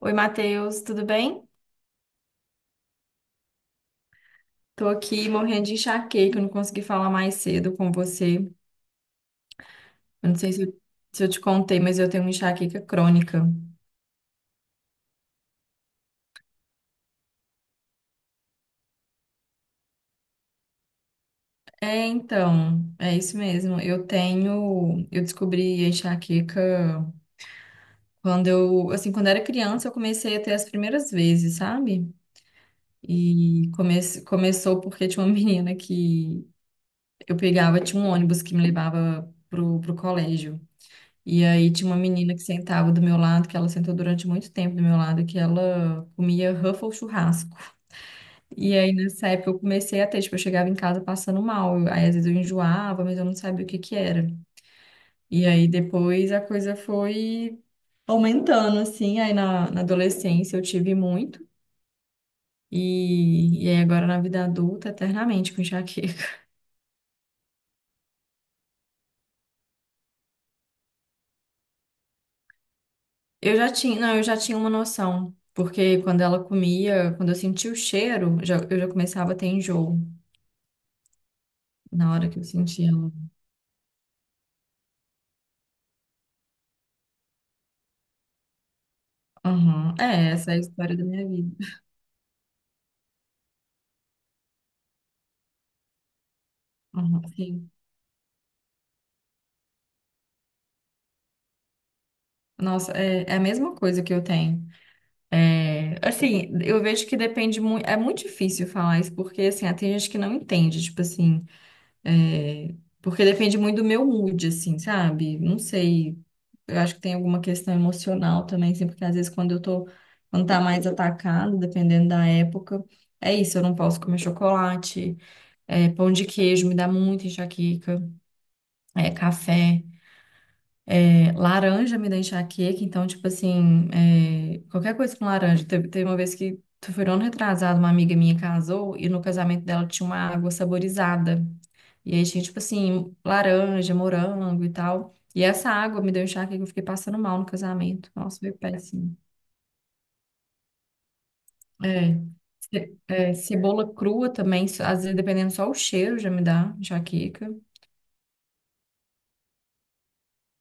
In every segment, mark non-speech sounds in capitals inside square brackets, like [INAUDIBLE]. Oi, Matheus, tudo bem? Tô aqui morrendo de enxaqueca, eu não consegui falar mais cedo com você. Eu não sei se eu te contei, mas eu tenho uma enxaqueca crônica. É, então, é isso mesmo. Eu descobri a enxaqueca assim, quando eu era criança, eu comecei a ter as primeiras vezes, sabe? E começou porque tinha uma [LAUGHS] menina que eu pegava, tinha um ônibus que me levava pro colégio. E aí tinha uma menina que sentava do meu lado, que ela sentou durante muito tempo do meu lado, que ela comia Ruffles churrasco. E aí nessa época eu comecei a ter, tipo, eu chegava em casa passando mal. Aí às vezes eu enjoava, mas eu não sabia o que que era. E aí depois a coisa foi aumentando, assim. Aí na adolescência eu tive muito. E aí agora na vida adulta, eternamente com enxaqueca. [LAUGHS] Eu já tinha, não, eu já tinha uma noção. Porque quando ela comia, quando eu sentia o cheiro, eu já começava a ter enjoo. Na hora que eu senti ela. Aham. É, essa é a história da minha vida. Aham, sim. Nossa, é a mesma coisa que eu tenho. É, assim, eu vejo que depende muito. É muito difícil falar isso, porque assim, tem gente que não entende, tipo assim. é, Porque depende muito do meu mood, assim, sabe? Não sei. Eu acho que tem alguma questão emocional também, assim, porque às vezes quando eu tô. Quando tá mais atacado, dependendo da época. É isso, eu não posso comer chocolate. Pão de queijo me dá muita enxaqueca. Café. É, laranja me dá enxaqueca, então, tipo assim, qualquer coisa com laranja. Teve uma vez que, foi um ano retrasado, uma amiga minha casou e no casamento dela tinha uma água saborizada. E aí tinha, tipo assim, laranja, morango e tal. E essa água me deu enxaqueca, eu fiquei passando mal no casamento. Nossa, foi péssimo. É, é, cebola crua também, às vezes, dependendo só o cheiro, já me dá enxaqueca.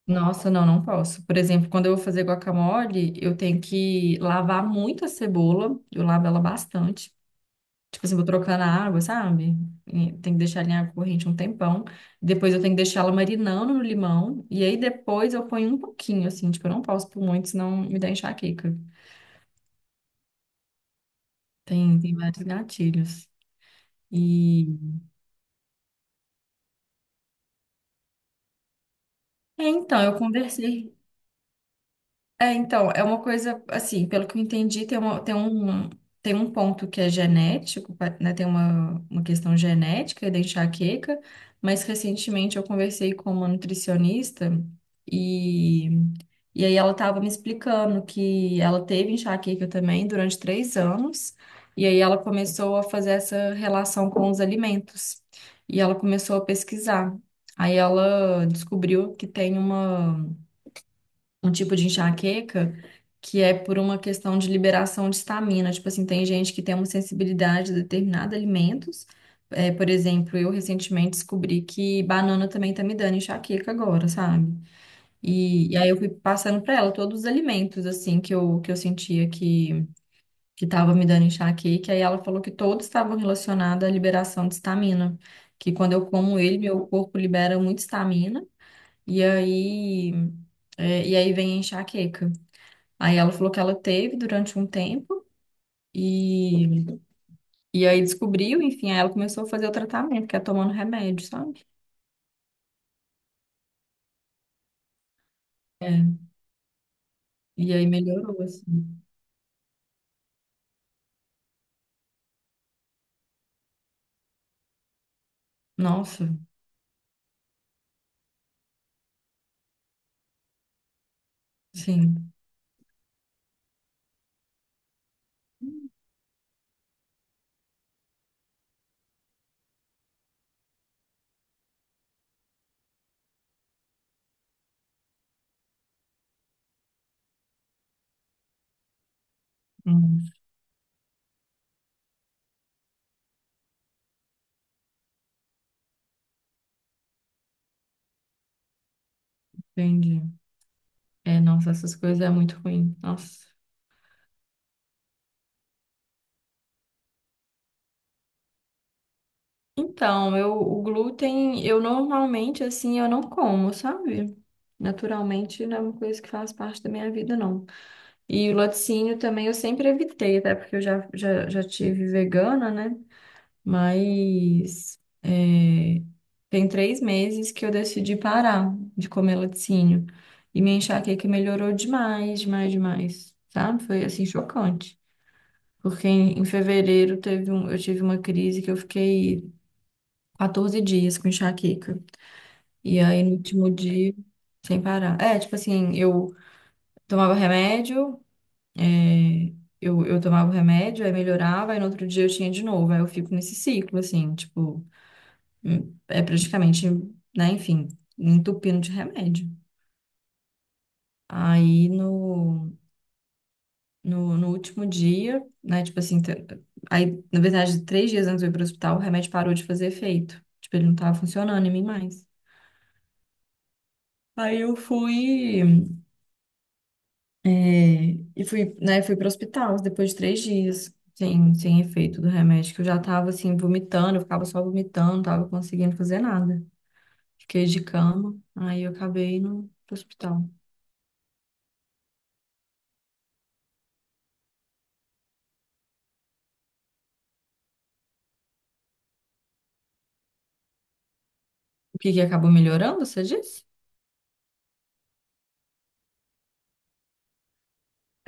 Nossa, não, não posso. Por exemplo, quando eu vou fazer guacamole, eu tenho que lavar muito a cebola. Eu lavo ela bastante. Tipo assim, vou trocando a água, sabe? E tem que deixar ela em água corrente um tempão. Depois eu tenho que deixar ela marinando no limão. E aí depois eu ponho um pouquinho, assim. Tipo, eu não posso por muito, senão me dá enxaqueca. Tem vários gatilhos. E... É, então, eu conversei É, então, é uma coisa, assim, pelo que eu entendi, tem um ponto que é genético, né? Tem uma questão genética da enxaqueca, mas recentemente eu conversei com uma nutricionista e, e aí ela estava me explicando que ela teve enxaqueca também durante 3 anos, e aí ela começou a fazer essa relação com os alimentos, e ela começou a pesquisar. Aí ela descobriu que tem uma um tipo de enxaqueca que é por uma questão de liberação de histamina. Tipo assim, tem gente que tem uma sensibilidade a determinados alimentos. É, por exemplo, eu recentemente descobri que banana também tá me dando enxaqueca agora, sabe? E aí eu fui passando pra ela todos os alimentos, assim, que eu sentia que tava me dando enxaqueca. E ela falou que todos estavam relacionados à liberação de histamina. Que quando eu como ele, meu corpo libera muita histamina. E aí, e aí, vem a enxaqueca. Aí ela falou que ela teve durante um tempo e, e aí descobriu, enfim, aí ela começou a fazer o tratamento, que é tomando remédio, sabe? É, e aí melhorou, assim. Nossa, sim, hum, entendi. É, nossa, essas coisas é muito ruim. Nossa. Então, eu, o glúten, eu normalmente, assim, eu não como, sabe? Naturalmente, não é uma coisa que faz parte da minha vida, não. E o laticínio também eu sempre evitei, até porque eu já tive vegana, né? Mas tem 3 meses que eu decidi parar de comer laticínio. E minha enxaqueca melhorou demais, demais, demais. Sabe? Foi assim chocante. Porque em fevereiro eu tive uma crise que eu fiquei 14 dias com enxaqueca. E aí no último dia, sem parar. É, tipo assim, eu tomava remédio, é, eu tomava o remédio, aí melhorava, aí no outro dia eu tinha de novo. Aí eu fico nesse ciclo, assim, tipo. É praticamente, né, enfim, entupindo de remédio. Aí no último dia, né, tipo assim, aí na verdade, 3 dias antes de eu ir pro hospital, o remédio parou de fazer efeito. Tipo, ele não tava funcionando em mim mais. Aí eu fui, é, e fui, né, fui pro hospital depois de 3 dias. Sem efeito do remédio, que eu já tava assim, vomitando, eu ficava só vomitando, não tava conseguindo fazer nada. Fiquei de cama, aí eu acabei indo pro hospital. O que que acabou melhorando, você disse?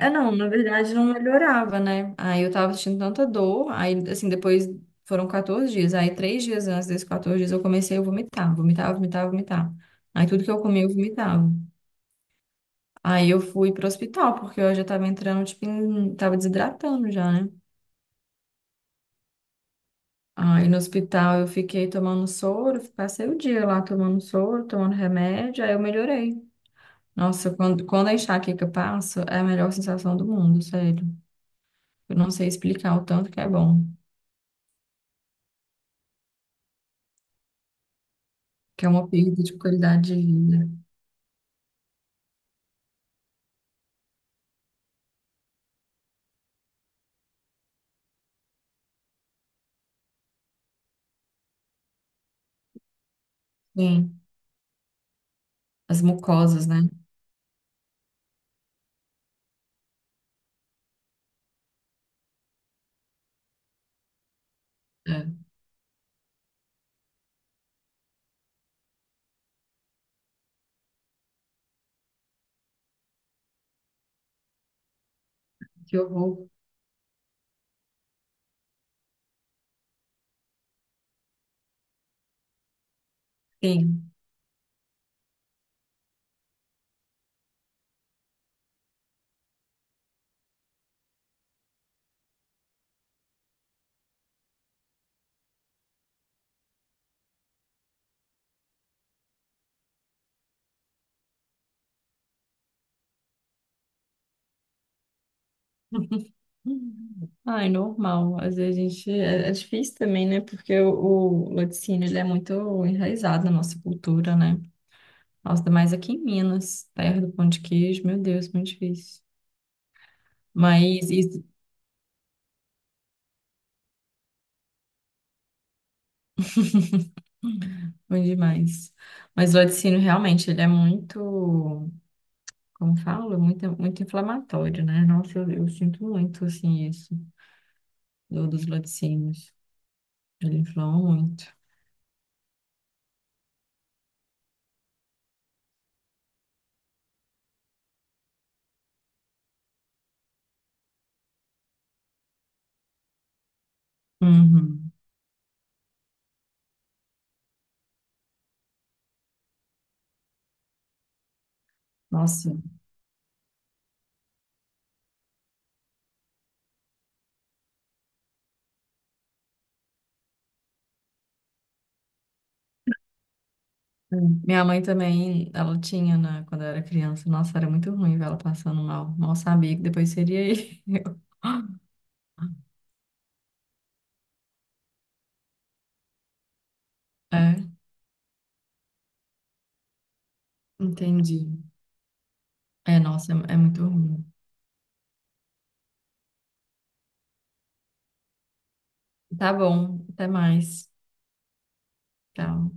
É, não, na verdade não melhorava, né? Aí eu tava sentindo tanta dor, aí assim, depois foram 14 dias, aí 3 dias antes desses 14 dias eu comecei a vomitar, vomitar, vomitar, vomitar. Aí tudo que eu comia eu vomitava. Aí eu fui pro hospital, porque eu já tava entrando, tipo, tava desidratando já, né? Aí no hospital eu fiquei tomando soro, passei o dia lá tomando soro, tomando remédio, aí eu melhorei. Nossa, quando a enxaqueca passa, é a melhor sensação do mundo, sério. Eu não sei explicar o tanto que é bom, que é uma perda de qualidade de vida. Sim, as mucosas, né? É, que horror. Sim. [LAUGHS] Ai, normal. Às vezes a gente. É difícil também, né? Porque o laticínio ele é muito enraizado na nossa cultura, né? Nossa, ainda mais aqui em Minas, terra do pão de queijo, meu Deus, muito difícil. Mas isso, ruim demais. Mas o laticínio realmente ele é muito. Como falo, é muito, muito inflamatório, né? Nossa, eu sinto muito, assim, isso, dos laticínios. Ele inflama muito. Uhum. Nossa, minha mãe também, ela tinha, né, quando eu era criança. Nossa, era muito ruim ver ela passando mal. Mal sabia que depois seria aí. [LAUGHS] É, entendi. É, nossa, é muito ruim. Tá bom, até mais. Tchau.